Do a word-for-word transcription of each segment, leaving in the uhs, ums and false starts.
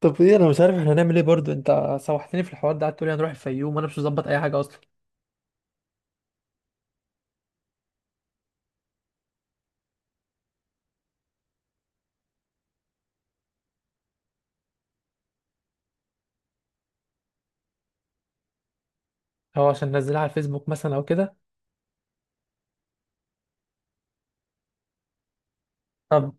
طب ايه، انا مش عارف احنا هنعمل ايه برضو. انت سوحتني في الحوار ده، قعدت تقولي هنروح الفيوم وانا مش مظبط اي حاجه اصلا. هو عشان ننزلها على الفيسبوك مثلا او كده؟ طب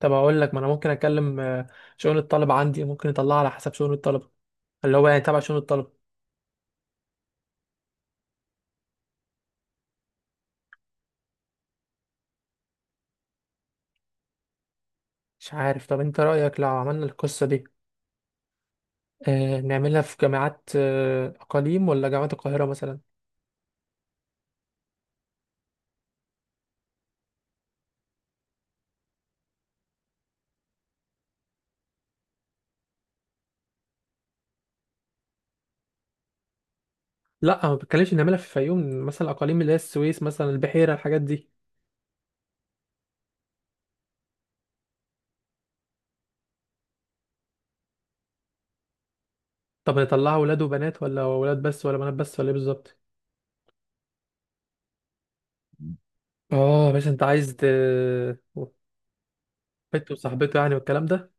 طب اقول لك، ما انا ممكن اكلم آه، شؤون الطلبه عندي، ممكن اطلعها على حسب شؤون الطلبه، اللي هو يعني تبع شؤون الطلبه. مش عارف، طب انت رايك لو عملنا القصه دي آه، نعملها في جامعات آه، اقاليم ولا جامعات القاهره مثلا؟ لا، ما بتكلمش نعملها في الفيوم مثلا، الاقاليم اللي هي السويس مثلا، البحيره، الحاجات دي. طب نطلعها ولاد وبنات ولا ولاد بس ولا بنات بس ولا ايه بالظبط؟ اه، مش انت عايز ت... بنت وصاحبته يعني والكلام ده؟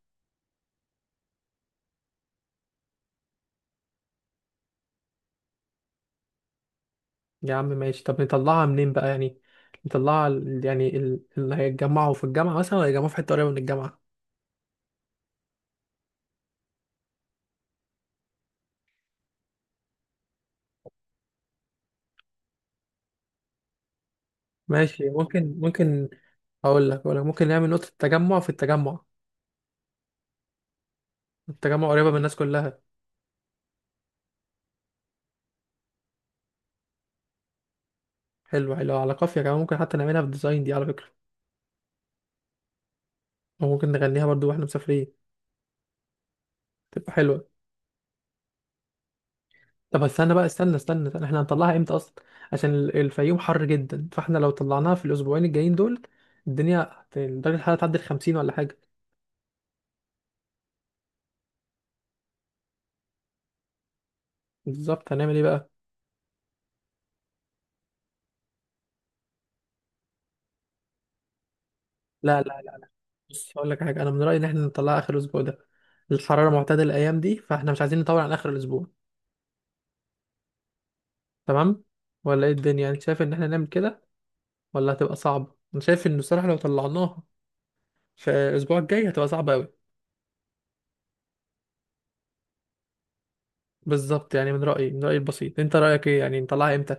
يا عم ماشي. طب نطلعها منين بقى يعني؟ نطلعها ال- يعني ال- اللي هيتجمعوا في الجامعة مثلا، ولا هيتجمعوا في حتة قريبة من الجامعة؟ ماشي، ممكن ممكن. هقول لك، ولا ممكن نعمل نقطة تجمع في التجمع؟ التجمع قريبة من الناس كلها. حلو حلو، على قافية كمان، ممكن حتى نعملها في الديزاين دي على فكرة. وممكن نغنيها برضو واحنا مسافرين، تبقى حلوة. طب استنى بقى، استنى استنى, استنى. احنا هنطلعها امتى اصلا؟ عشان ال- الفيوم حر جدا، فاحنا لو طلعناها في الاسبوعين الجايين دول، الدنيا هت- درجة الحرارة تعدي ال خمسين ولا حاجة. بالظبط، هنعمل ايه بقى؟ لا لا لا لا. بص هقول لك حاجة، انا من رأيي ان احنا نطلعها اخر الاسبوع ده. الحرارة معتدلة الايام دي، فاحنا مش عايزين نطول عن اخر الاسبوع، تمام؟ ولا ايه الدنيا يعني؟ انت شايف ان احنا نعمل كده ولا هتبقى صعبة؟ انا شايف ان الصراحة لو طلعناها في الاسبوع الجاي هتبقى صعبة قوي. بالظبط، يعني من رأيي من رأيي البسيط، انت رأيك ايه يعني نطلعها امتى؟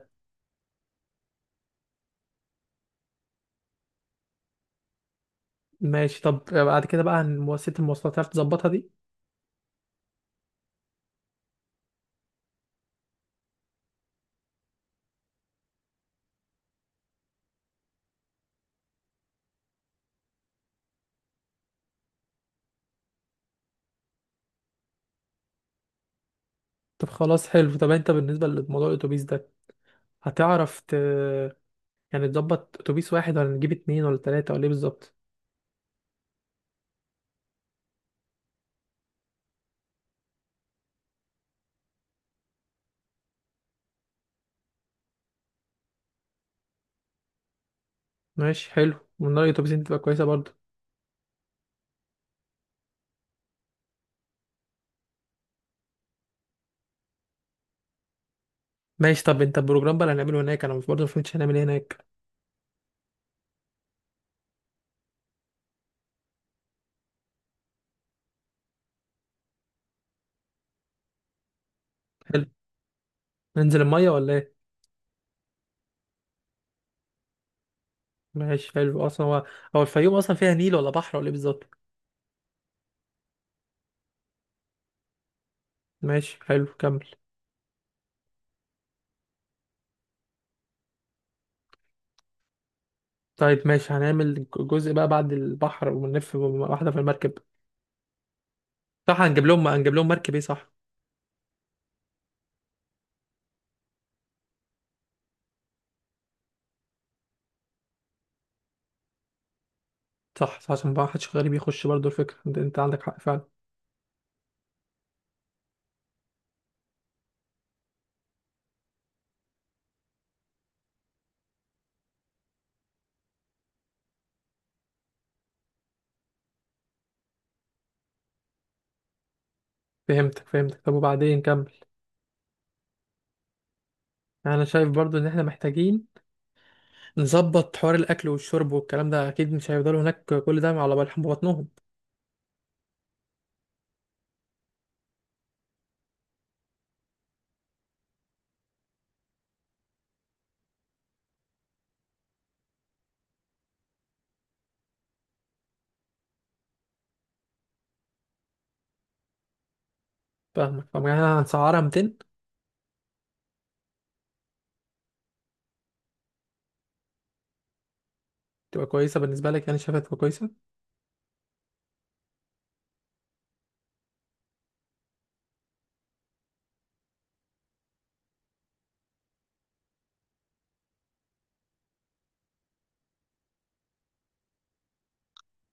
ماشي. طب بعد كده بقى عن مؤسسة المواصلات، هتعرف تظبطها دي؟ طب خلاص حلو. طب انت بالنسبة لموضوع الأتوبيس ده، هتعرف ت... يعني تظبط أتوبيس واحد، ولا نجيب اتنين ولا تلاتة ولا ايه بالظبط؟ ماشي حلو، من رأيي الأتوبيسين تبقى كويسة برضه. ماشي. طب انت البروجرام بقى اللي هنعمله هناك، انا مش برضه مفهمتش هنعمل ايه هناك. حلو، ننزل المية ولا ايه؟ ماشي حلو. اصلا هو، هو الفيوم اصلا فيها نيل ولا بحر ولا ايه بالظبط؟ ماشي حلو، كمل. طيب ماشي، هنعمل جزء بقى بعد البحر ونلف واحدة في المركب؟ صح، هنجيب لهم، هنجيب لهم مركب، ايه صح؟ صح صح، عشان بقى محدش غريب يخش برضو، الفكرة انت انت عندك حق فعلا. فهمتك فهمتك. طب وبعدين، كمل. يعني انا شايف برضو ان احنا محتاجين نظبط حوار الاكل والشرب والكلام ده، اكيد مش هيفضلوا هناك كل ده على بالهم بطنهم. فاهمك. طب يعني انا هنسعرها مئتين؟ تبقى كويسة بالنسبة لك يعني، شايفها تبقى كويسة؟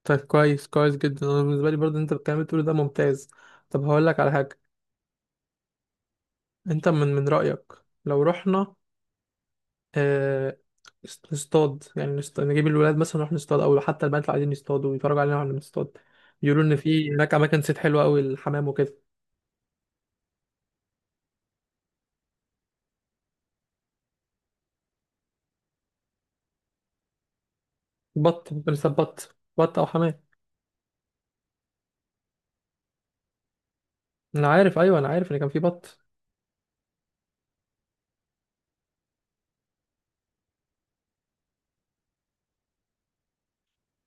طيب كويس، كويس جدا. انا بالنسبة لي برضو، انت الكلام اللي بتقوله ده ممتاز. طب هقول لك على حاجة. انت من من رأيك لو رحنا آه، نص- نصطاد يعني، نصط... نجيب الولاد مثلا، نروح نصطاد، او حتى البنات اللي عايزين يصطادوا يتفرجوا علينا واحنا بنصطاد؟ يقولوا ان في هناك اماكن صيد حلوه قوي، الحمام وكده. بط، ممكن نصطاد بط بط او حمام. انا عارف، ايوه انا عارف ان كان في بط.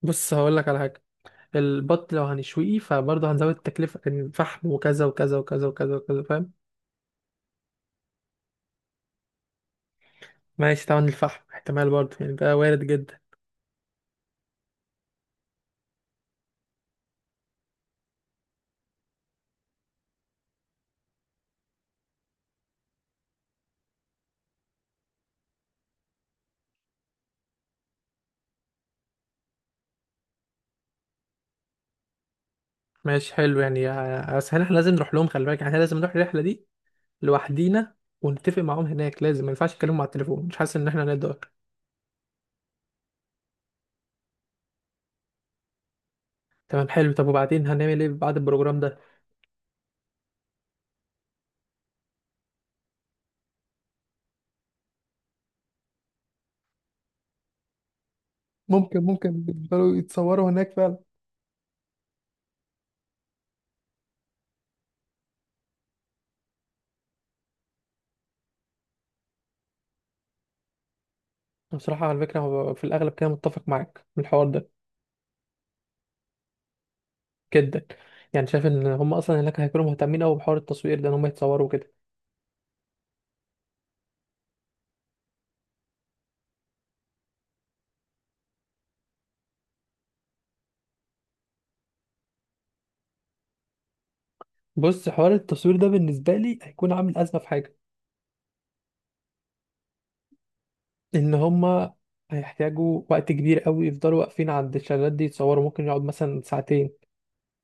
بص هقول لك على حاجه، البط لو هنشويه فبرضه هنزود التكلفه، كان فحم وكذا وكذا وكذا وكذا وكذا، فاهم؟ ماشي، طبعا الفحم احتمال برضه يعني، ده وارد جدا. ماشي حلو يعني. آه، بس احنا لازم نروح لهم، خلي بالك يعني، احنا لازم نروح الرحله دي لوحدينا ونتفق معاهم هناك، لازم، ما ينفعش نتكلم على التليفون، مش حاسس ان احنا نقدر. تمام حلو. طب وبعدين هنعمل ايه بعد البروجرام ده؟ ممكن ممكن يفضلوا يتصوروا هناك فعلا. بصراحة على فكرة هو في الأغلب كده متفق معاك من الحوار ده، جدا. يعني شايف إن هم أصلا هناك هيكونوا مهتمين أوي بحوار التصوير ده، إن هم يتصوروا كده. بص، حوار التصوير ده بالنسبة لي هيكون عامل أزمة في حاجة، إن هم هيحتاجوا وقت كبير أوي، يفضلوا واقفين عند الشلالات دي يتصوروا، ممكن يقعد مثلا ساعتين.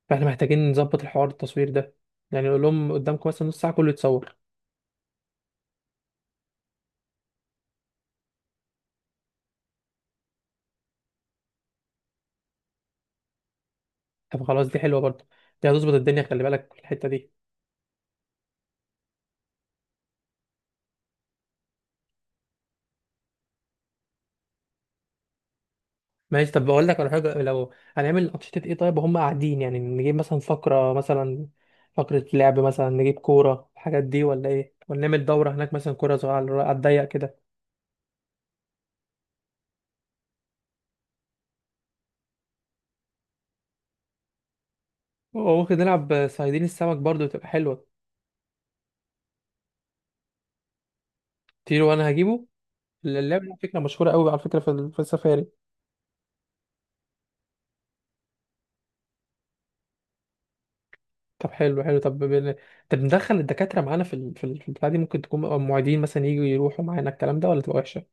فاحنا محتاجين نظبط الحوار التصوير ده، يعني نقول لهم قدامكم مثلا نص ساعه كله يتصور. طب خلاص، دي حلوه برضه، دي هتظبط الدنيا، خلي بالك في الحته دي. ماشي. طب بقول لك على حاجه، لو هنعمل انشطه ايه طيب وهم قاعدين؟ يعني نجيب مثلا فقره مثلا، فقره لعب مثلا، نجيب كوره الحاجات دي ولا ايه؟ ولا نعمل دوره هناك مثلا، كوره صغيره على على الضيق كده؟ وممكن نلعب صيادين السمك برضه، تبقى حلوه. تيرو وانا هجيبه، اللعبه دي فكره مشهوره قوي على فكره في ال- في السفاري. طب حلو حلو. طب بال- طب ندخل الدكاترة معانا في ال... في ال- في البتاع دي، ممكن تكون المعيدين مثلا يجوا يروحوا معانا الكلام ده، ولا تبقى وحشة؟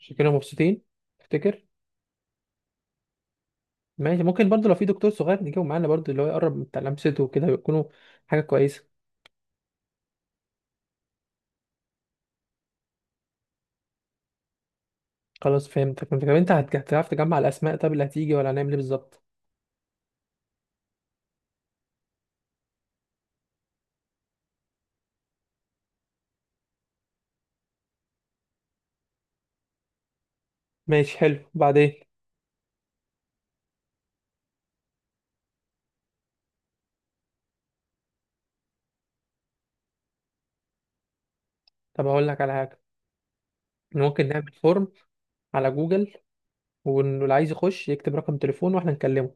عشان كده مبسوطين، تفتكر؟ ماشي. ممكن برضو لو في دكتور صغير نجيبه معانا برضو، اللي هو يقرب من لمسته وكده، يكونوا حاجة كويسة. خلاص فهمتك فهمتك. طب انت هت- هتعرف تجمع الأسماء طب اللي هتيجي، ولا هنعمل ايه بالظبط؟ ماشي حلو. بعدين؟ طب هقول لك على حاجة، إن ممكن نعمل فورم على جوجل، واللي عايز يخش يكتب رقم تليفونه واحنا نكلمه.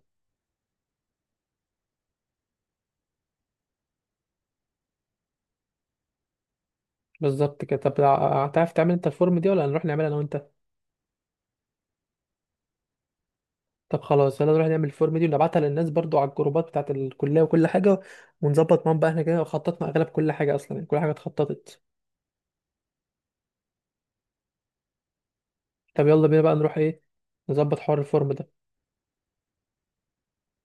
بالظبط كده. طب هتعرف تعمل انت الفورم دي، ولا هنروح نعملها انا وانت؟ طب خلاص، يلا نروح نعمل الفورم دي ونبعتها للناس برضو على الجروبات بتاعت الكلية وكل حاجة، ونظبط معاهم بقى. احنا كده خططنا اغلب كل حاجة اصلا، يعني كل حاجة اتخططت. طب يلا بينا بقى، نروح ايه، نظبط حوار الفورم ده.